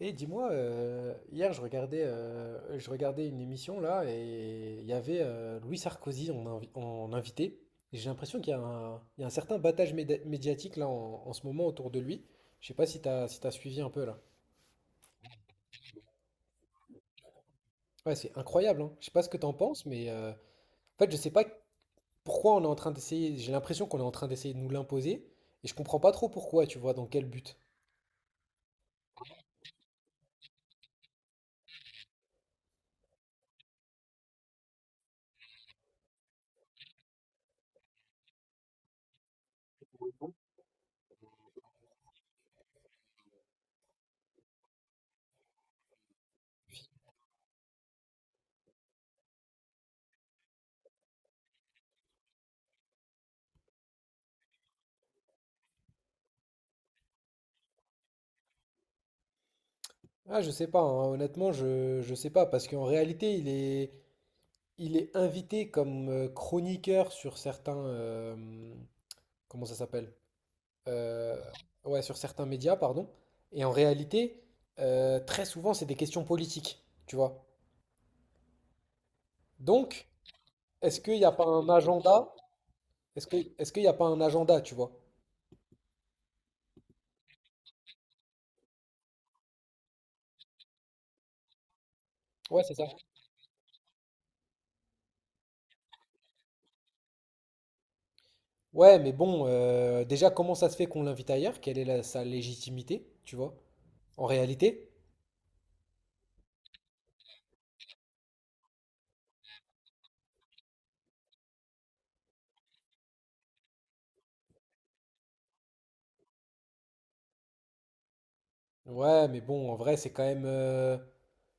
Et dis-moi, hier je regardais une émission là et il y avait Louis Sarkozy en invité. Et j'ai l'impression qu'il y a un certain battage médiatique là en ce moment autour de lui. Je sais pas si t'as suivi un peu là. Ouais, c'est incroyable, hein. Je sais pas ce que t'en penses, mais en fait je sais pas pourquoi on est en train d'essayer. J'ai l'impression qu'on est en train d'essayer de nous l'imposer et je comprends pas trop pourquoi, tu vois, dans quel but. Ah, je sais pas, hein, honnêtement, je sais pas parce qu'en réalité il est. Il est invité comme chroniqueur sur certains. Comment ça s'appelle? Euh, ouais, sur certains médias, pardon. Et en réalité, très souvent, c'est des questions politiques, tu vois. Donc, est-ce qu'il n'y a pas un agenda? Est-ce que, est-ce qu'il n'y a pas un agenda, tu vois? Ouais, c'est ça. Ouais, mais bon, déjà, comment ça se fait qu'on l'invite ailleurs? Quelle est sa légitimité, tu vois? En réalité? Ouais, mais bon, en vrai, c'est quand même,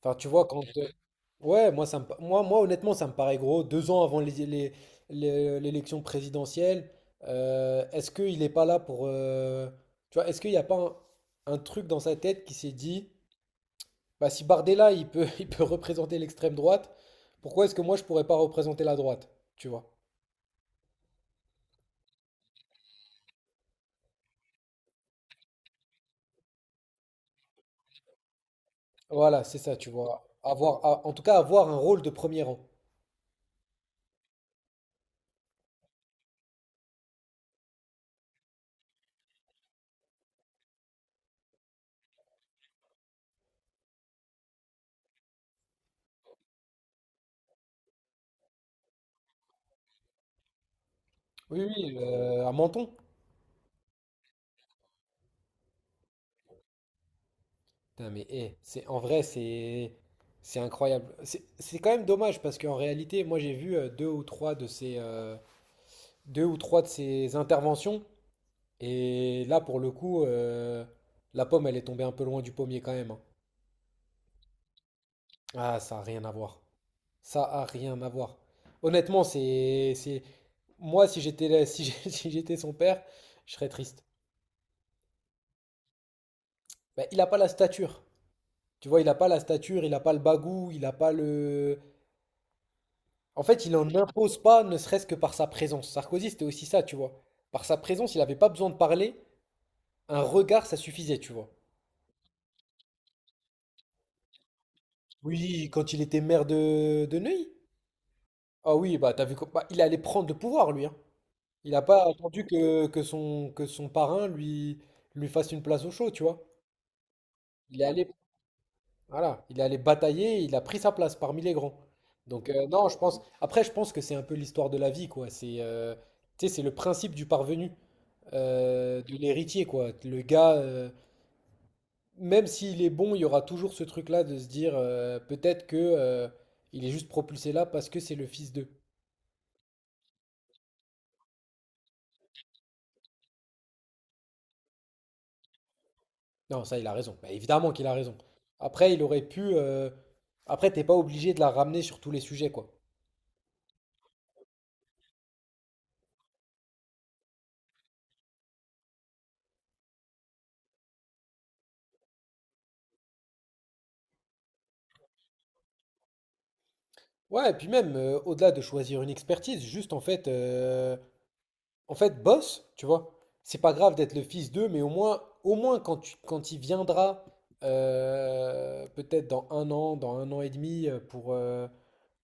enfin, tu vois, quand. Ouais, moi, ça me pa- moi, moi, honnêtement, ça me paraît gros. Deux ans avant l'élection présidentielle, est-ce qu'il n'est pas là pour. Tu vois, est-ce qu'il n'y a pas un truc dans sa tête qui s'est dit, bah, si Bardella, il peut, il peut représenter l'extrême droite, pourquoi est-ce que moi, je pourrais pas représenter la droite? Tu vois. Voilà, c'est ça, tu vois. En tout cas, avoir un rôle de premier rang. Oui, oui, à Menton. Putain, mais eh, c'est en vrai, c'est incroyable. C'est quand même dommage parce qu'en réalité, moi j'ai vu deux ou trois de ces interventions et là pour le coup, la pomme elle est tombée un peu loin du pommier quand même, hein. Ah, ça a rien à voir. Ça a rien à voir. Honnêtement, c'est moi si j'étais là- si j'étais son père, je serais triste. Bah, il a pas la stature. Tu vois, il a pas la stature, il a pas le bagou, il a pas le. En fait, il n'en impose pas, ne serait-ce que par sa présence. Sarkozy, c'était aussi ça, tu vois. Par sa présence, il n'avait pas besoin de parler. Un regard, ça suffisait, tu vois. Oui, quand il était maire de Neuilly. Ah oui, bah il allait prendre le pouvoir, lui, hein. Il n'a pas attendu que son parrain lui fasse une place au chaud, tu vois. Il est allé, voilà, il est allé batailler, il a pris sa place parmi les grands. Donc non, je pense. Après, je pense que c'est un peu l'histoire de la vie, quoi. Tu sais, c'est le principe du parvenu, de l'héritier, quoi. Le gars, même s'il est bon, il y aura toujours ce truc-là de se dire peut-être que il est juste propulsé là parce que c'est le fils d'eux. Non, ça, il a raison. Bah, évidemment qu'il a raison. Après, il aurait pu. Après, t'es pas obligé de la ramener sur tous les sujets, quoi. Ouais, et puis même, au-delà de choisir une expertise, juste en fait, bosse, tu vois. C'est pas grave d'être le fils d'eux, mais au moins, quand quand il viendra, peut-être dans un an et demi, pour, euh,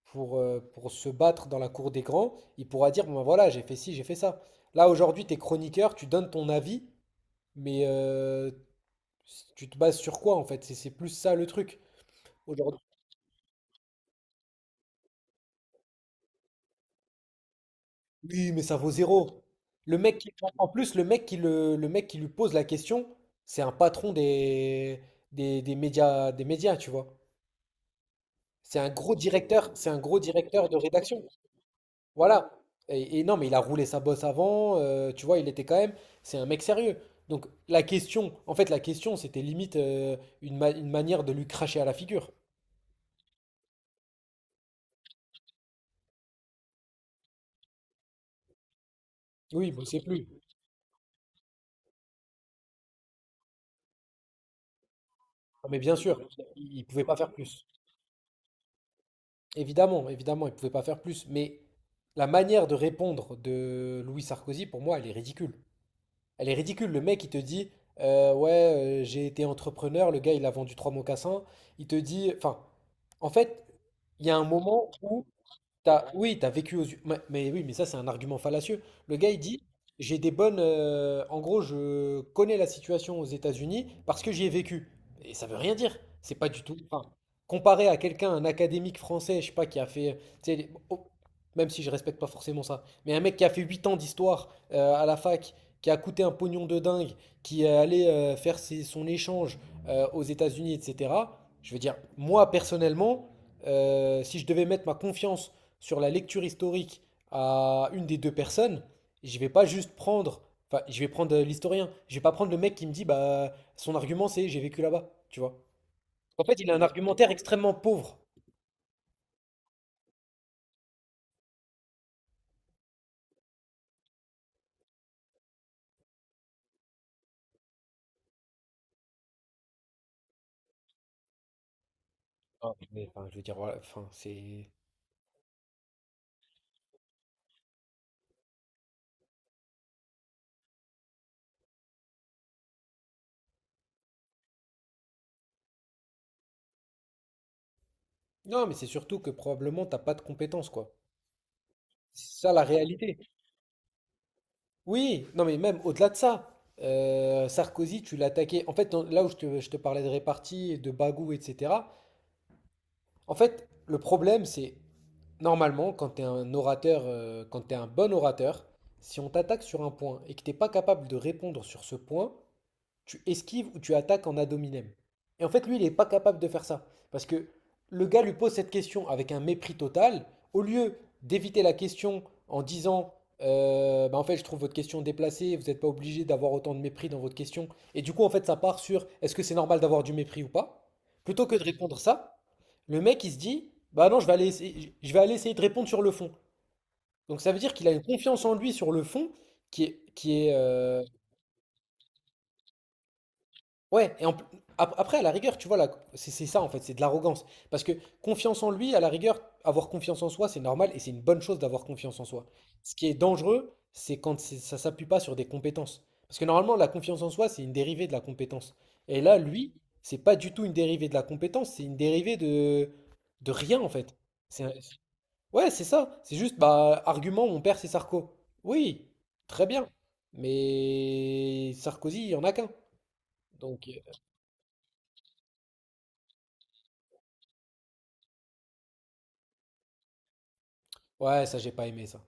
pour, euh, pour se battre dans la cour des grands, il pourra dire, bon ben voilà, j'ai fait ci, j'ai fait ça. Là, aujourd'hui, t'es chroniqueur, tu donnes ton avis, mais tu te bases sur quoi, en fait? C'est plus ça le truc. Aujourd'hui. Oui, mais ça vaut zéro. Le mec qui, en en plus, le mec qui lui pose la question, c'est un patron des médias, tu vois. C'est un gros directeur de rédaction. Voilà. Et non, mais il a roulé sa bosse avant, tu vois, il était quand même, c'est un mec sérieux. Donc la question, c'était limite une manière de lui cracher à la figure. Oui, bon, c'est plus. Non, mais bien sûr, il pouvait pas faire plus. Évidemment, évidemment, il pouvait pas faire plus, mais la manière de répondre de Louis Sarkozy, pour moi, elle est ridicule. Elle est ridicule. Le mec, il te dit, ouais, j'ai été entrepreneur, le gars, il a vendu trois mocassins. Il te dit, enfin, en fait, il y a un moment où. Oui, t'as vécu aux yeux. Mais oui, mais ça, c'est un argument fallacieux. Le gars, il dit, j'ai des bonnes. En gros, je connais la situation aux États-Unis parce que j'y ai vécu. Et ça veut rien dire. C'est pas du tout, enfin, comparé à quelqu'un, un académique français, je sais pas, qui a fait. Tu sais, oh, même si je respecte pas forcément ça, mais un mec qui a fait 8 ans d'histoire à la fac, qui a coûté un pognon de dingue, qui est allé faire son échange aux États-Unis, etc. Je veux dire, moi, personnellement. Si je devais mettre ma confiance sur la lecture historique à une des deux personnes, je vais pas juste prendre, enfin, je vais prendre l'historien, je vais pas prendre le mec qui me dit, bah, son argument c'est j'ai vécu là-bas, tu vois. En fait, il a un argumentaire extrêmement pauvre. Ah, mais, enfin, je veux dire, voilà, enfin, c'est. Non, mais c'est surtout que probablement t'as pas de compétences, quoi. C'est ça la réalité. Oui, non, mais même au-delà de ça, Sarkozy, tu l'attaquais. En fait, là où je te parlais de répartie, de bagou, etc., en fait, le problème, c'est normalement, quand tu es un bon orateur, si on t'attaque sur un point et que tu n'es pas capable de répondre sur ce point, tu esquives ou tu attaques en ad hominem. Et en fait, lui, il n'est pas capable de faire ça. Parce que le gars lui pose cette question avec un mépris total. Au lieu d'éviter la question en disant bah, en fait, je trouve votre question déplacée, vous n'êtes pas obligé d'avoir autant de mépris dans votre question. Et du coup, en fait, ça part sur est-ce que c'est normal d'avoir du mépris ou pas. Plutôt que de répondre ça, le mec, il se dit bah non, je vais aller essayer de répondre sur le fond. Donc ça veut dire qu'il a une confiance en lui sur le fond qui est. Ouais, et après, à la rigueur, tu vois, là, c'est ça en fait, c'est de l'arrogance. Parce que confiance en lui, à la rigueur, avoir confiance en soi, c'est normal et c'est une bonne chose d'avoir confiance en soi. Ce qui est dangereux, c'est quand ça s'appuie pas sur des compétences. Parce que normalement, la confiance en soi, c'est une dérivée de la compétence. Et là, lui, c'est pas du tout une dérivée de la compétence, c'est une dérivée de rien en fait. C'est un- Ouais, c'est ça. C'est juste, bah, argument, mon père, c'est Sarko. Oui, très bien. Mais Sarkozy, il y en a qu'un. Donc. euh, Ouais, ça, j'ai pas aimé ça.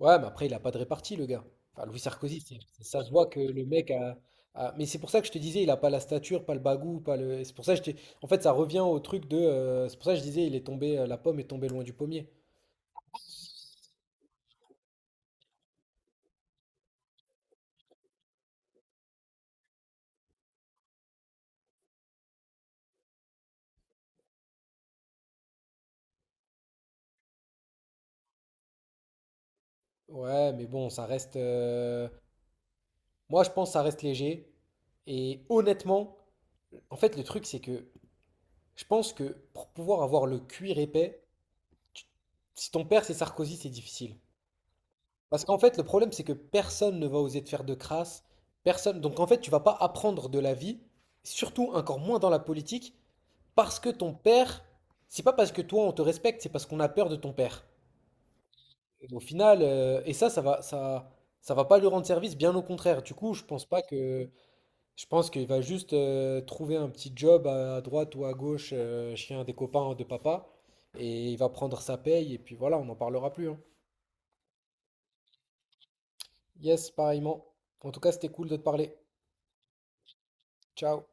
Ouais, mais après, il a pas de répartie, le gars. Enfin, Louis Sarkozy, ça se voit que le mec a. Mais c'est pour ça que je te disais, il a pas la stature, pas le bagou, pas le. C'est pour ça que je t'ai- En fait, ça revient au truc de. C'est pour ça que je disais, la pomme est tombée loin du pommier. Ouais, mais bon, ça reste. Moi, je pense que ça reste léger. Et honnêtement, en fait, le truc, c'est que je pense que pour pouvoir avoir le cuir épais, tu- si ton père c'est Sarkozy, c'est difficile. Parce qu'en fait, le problème, c'est que personne ne va oser te faire de crasse. Personne. Donc en fait, tu vas pas apprendre de la vie, surtout encore moins dans la politique, parce que ton père, c'est pas parce que toi on te respecte, c'est parce qu'on a peur de ton père. Et au final, et ça, ça va pas lui rendre service, bien au contraire. Du coup, je pense pas que, je pense qu'il va juste trouver un petit job à droite ou à gauche, chez un des copains de papa, et il va prendre sa paye, et puis voilà, on n'en parlera plus, hein. Yes, pareillement. En tout cas, c'était cool de te parler. Ciao.